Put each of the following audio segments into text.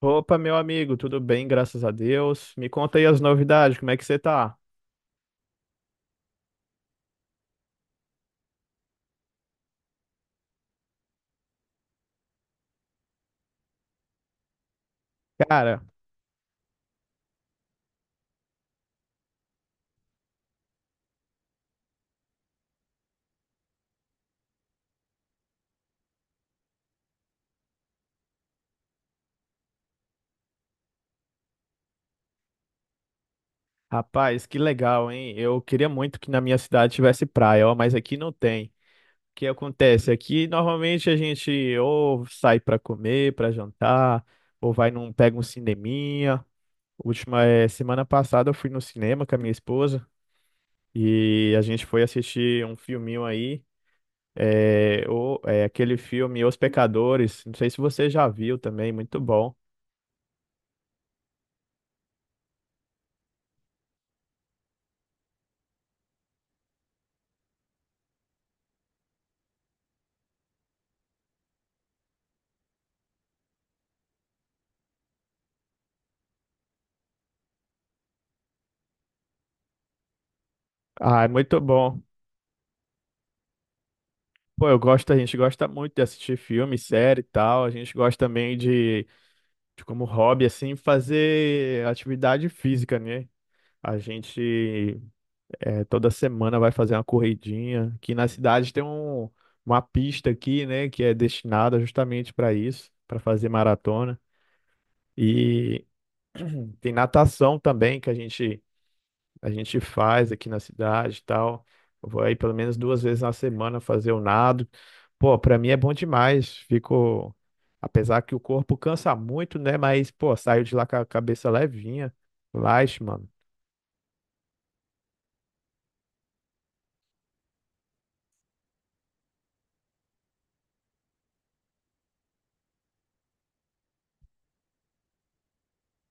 Opa, meu amigo, tudo bem, graças a Deus. Me conta aí as novidades, como é que você tá? Cara, rapaz, que legal, hein? Eu queria muito que na minha cidade tivesse praia, ó, mas aqui não tem. O que acontece? Aqui normalmente a gente ou sai pra comer, pra jantar, ou pega um cineminha. Semana passada eu fui no cinema com a minha esposa. E a gente foi assistir um filminho aí, é aquele filme Os Pecadores. Não sei se você já viu também, muito bom. Ah, é muito bom. Pô, eu gosto, a gente gosta muito de assistir filme, série e tal. A gente gosta também de como hobby, assim, fazer atividade física, né? A gente Toda semana vai fazer uma corridinha. Aqui na cidade tem um, Uma pista aqui, né, que é destinada justamente para isso, para fazer maratona. E tem natação também que a gente faz aqui na cidade e tal. Eu vou aí pelo menos 2 vezes na semana fazer o nado. Pô, pra mim é bom demais. Fico, apesar que o corpo cansa muito, né? Mas pô, saio de lá com a cabeça levinha. Relaxa, mano.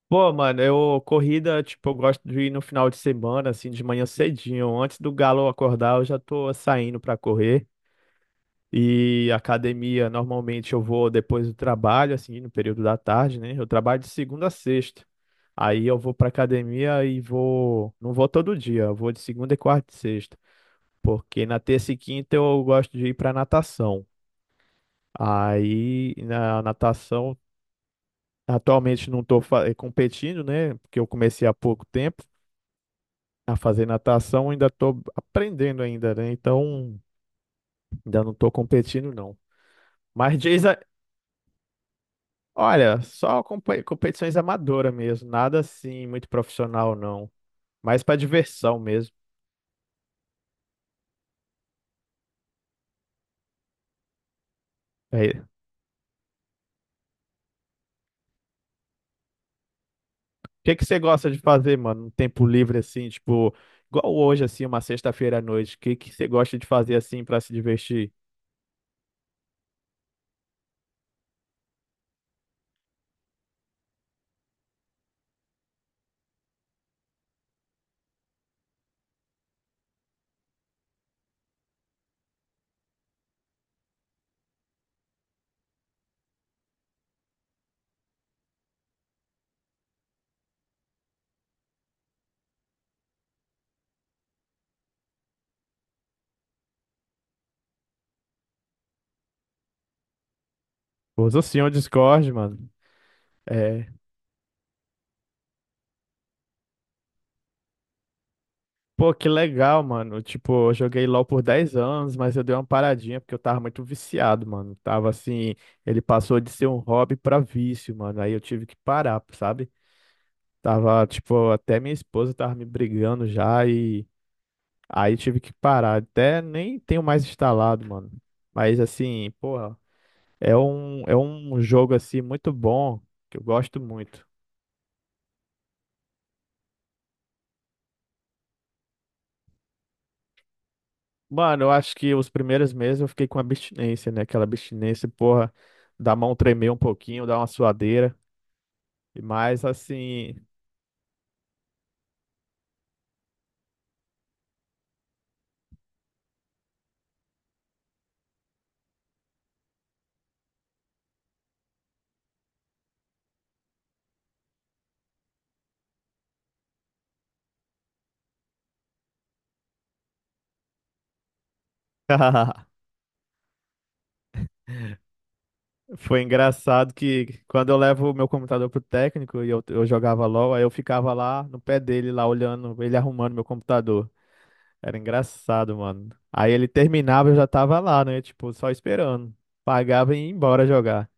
Pô, mano, eu corrida, tipo, eu gosto de ir no final de semana, assim, de manhã cedinho, antes do galo acordar, eu já tô saindo pra correr. E academia, normalmente eu vou depois do trabalho, assim, no período da tarde, né? Eu trabalho de segunda a sexta. Aí eu vou pra academia e vou. Não vou todo dia, eu vou de segunda e quarta e sexta. Porque na terça e quinta eu gosto de ir pra natação. Aí na natação, atualmente não tô fa- eh, competindo, né? Porque eu comecei há pouco tempo a fazer natação, ainda tô aprendendo ainda, né? Então ainda não tô competindo, não. Mas diz, a- Olha, só competições amadoras mesmo, nada assim muito profissional não, mais pra diversão mesmo. É. O que que você gosta de fazer, mano, no tempo livre assim, tipo, igual hoje assim, uma sexta-feira à noite, o que que você gosta de fazer assim pra se divertir? Usa sim o Discord, mano. É. Pô, que legal, mano. Tipo, eu joguei LoL por 10 anos, mas eu dei uma paradinha porque eu tava muito viciado, mano. Tava assim, ele passou de ser um hobby pra vício, mano. Aí eu tive que parar, sabe? Tava, tipo, até minha esposa tava me brigando já e aí tive que parar. Até nem tenho mais instalado, mano. Mas assim, porra, é um jogo assim muito bom, que eu gosto muito. Mano, eu acho que os primeiros meses eu fiquei com abstinência, né? Aquela abstinência, porra, da mão tremer um pouquinho, dar uma suadeira. E mais assim, foi engraçado que quando eu levo o meu computador pro técnico eu jogava LOL, aí eu ficava lá no pé dele, lá olhando, ele arrumando meu computador. Era engraçado, mano. Aí ele terminava, eu já tava lá, né? Tipo, só esperando. Pagava e ia embora jogar.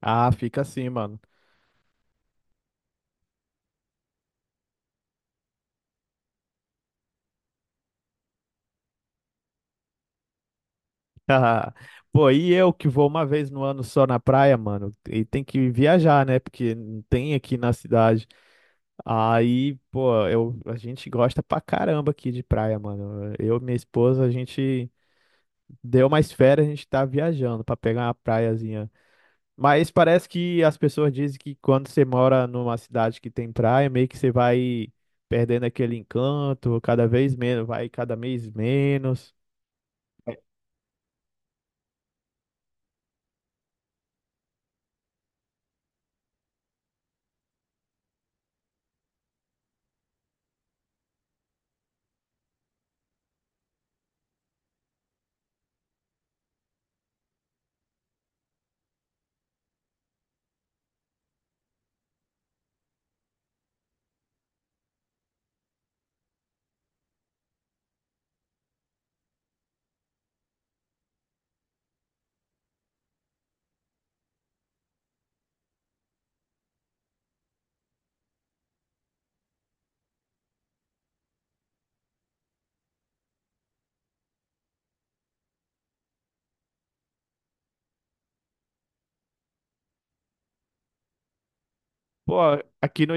Ah, fica assim, mano. Pô, e eu que vou 1 vez no ano só na praia, mano, e tem que viajar, né? Porque não tem aqui na cidade. A gente gosta pra caramba aqui de praia, mano. Eu e minha esposa, a gente. Deu mais férias, a gente tá viajando pra pegar uma praiazinha. Mas parece que as pessoas dizem que quando você mora numa cidade que tem praia, meio que você vai perdendo aquele encanto, cada vez menos, vai cada mês menos. Pô, aqui no,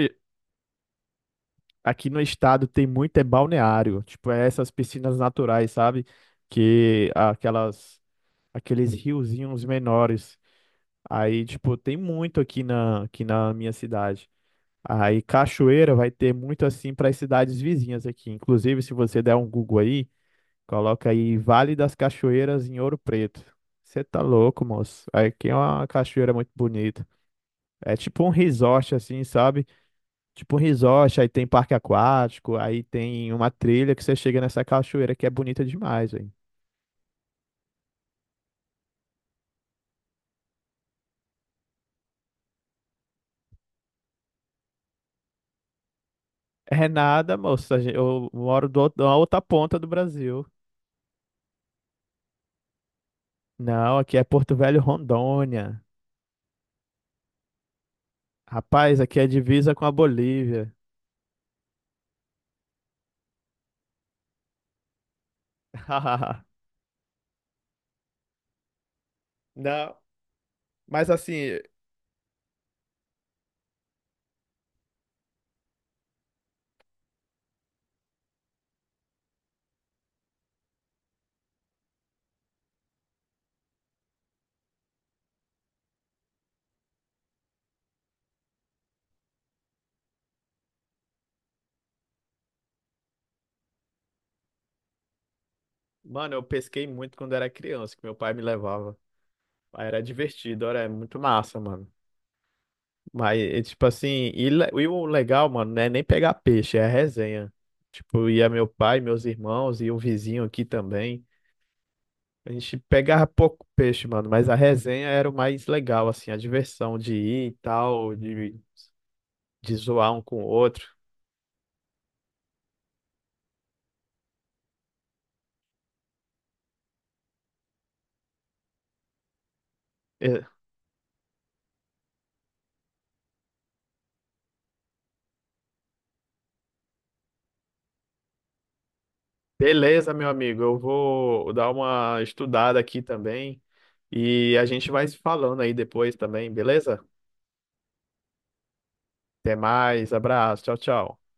aqui no estado tem muito é balneário, tipo, é essas piscinas naturais, sabe? Que aquelas Aqueles riozinhos menores. Aí, tipo, tem muito aqui na minha cidade. Aí cachoeira vai ter muito assim para as cidades vizinhas aqui. Inclusive, se você der um Google aí, coloca aí Vale das Cachoeiras em Ouro Preto. Você tá louco, moço. Aqui é uma cachoeira muito bonita. É tipo um resort assim, sabe? Tipo um resort, aí tem parque aquático, aí tem uma trilha que você chega nessa cachoeira que é bonita demais, velho. É nada, moço. Eu moro na outra ponta do Brasil. Não, aqui é Porto Velho, Rondônia. Rapaz, aqui é divisa com a Bolívia. Não, mas assim, mano, eu pesquei muito quando era criança, que meu pai me levava. Aí era divertido, era muito massa, mano. Mas, é tipo assim, e o legal, mano, não é nem pegar peixe, é a resenha. Tipo, ia meu pai, meus irmãos e um vizinho aqui também. A gente pegava pouco peixe, mano, mas a resenha era o mais legal, assim, a diversão de ir e tal, de zoar um com o outro. Beleza, meu amigo. Eu vou dar uma estudada aqui também e a gente vai se falando aí depois também, beleza? Até mais, abraço, tchau, tchau.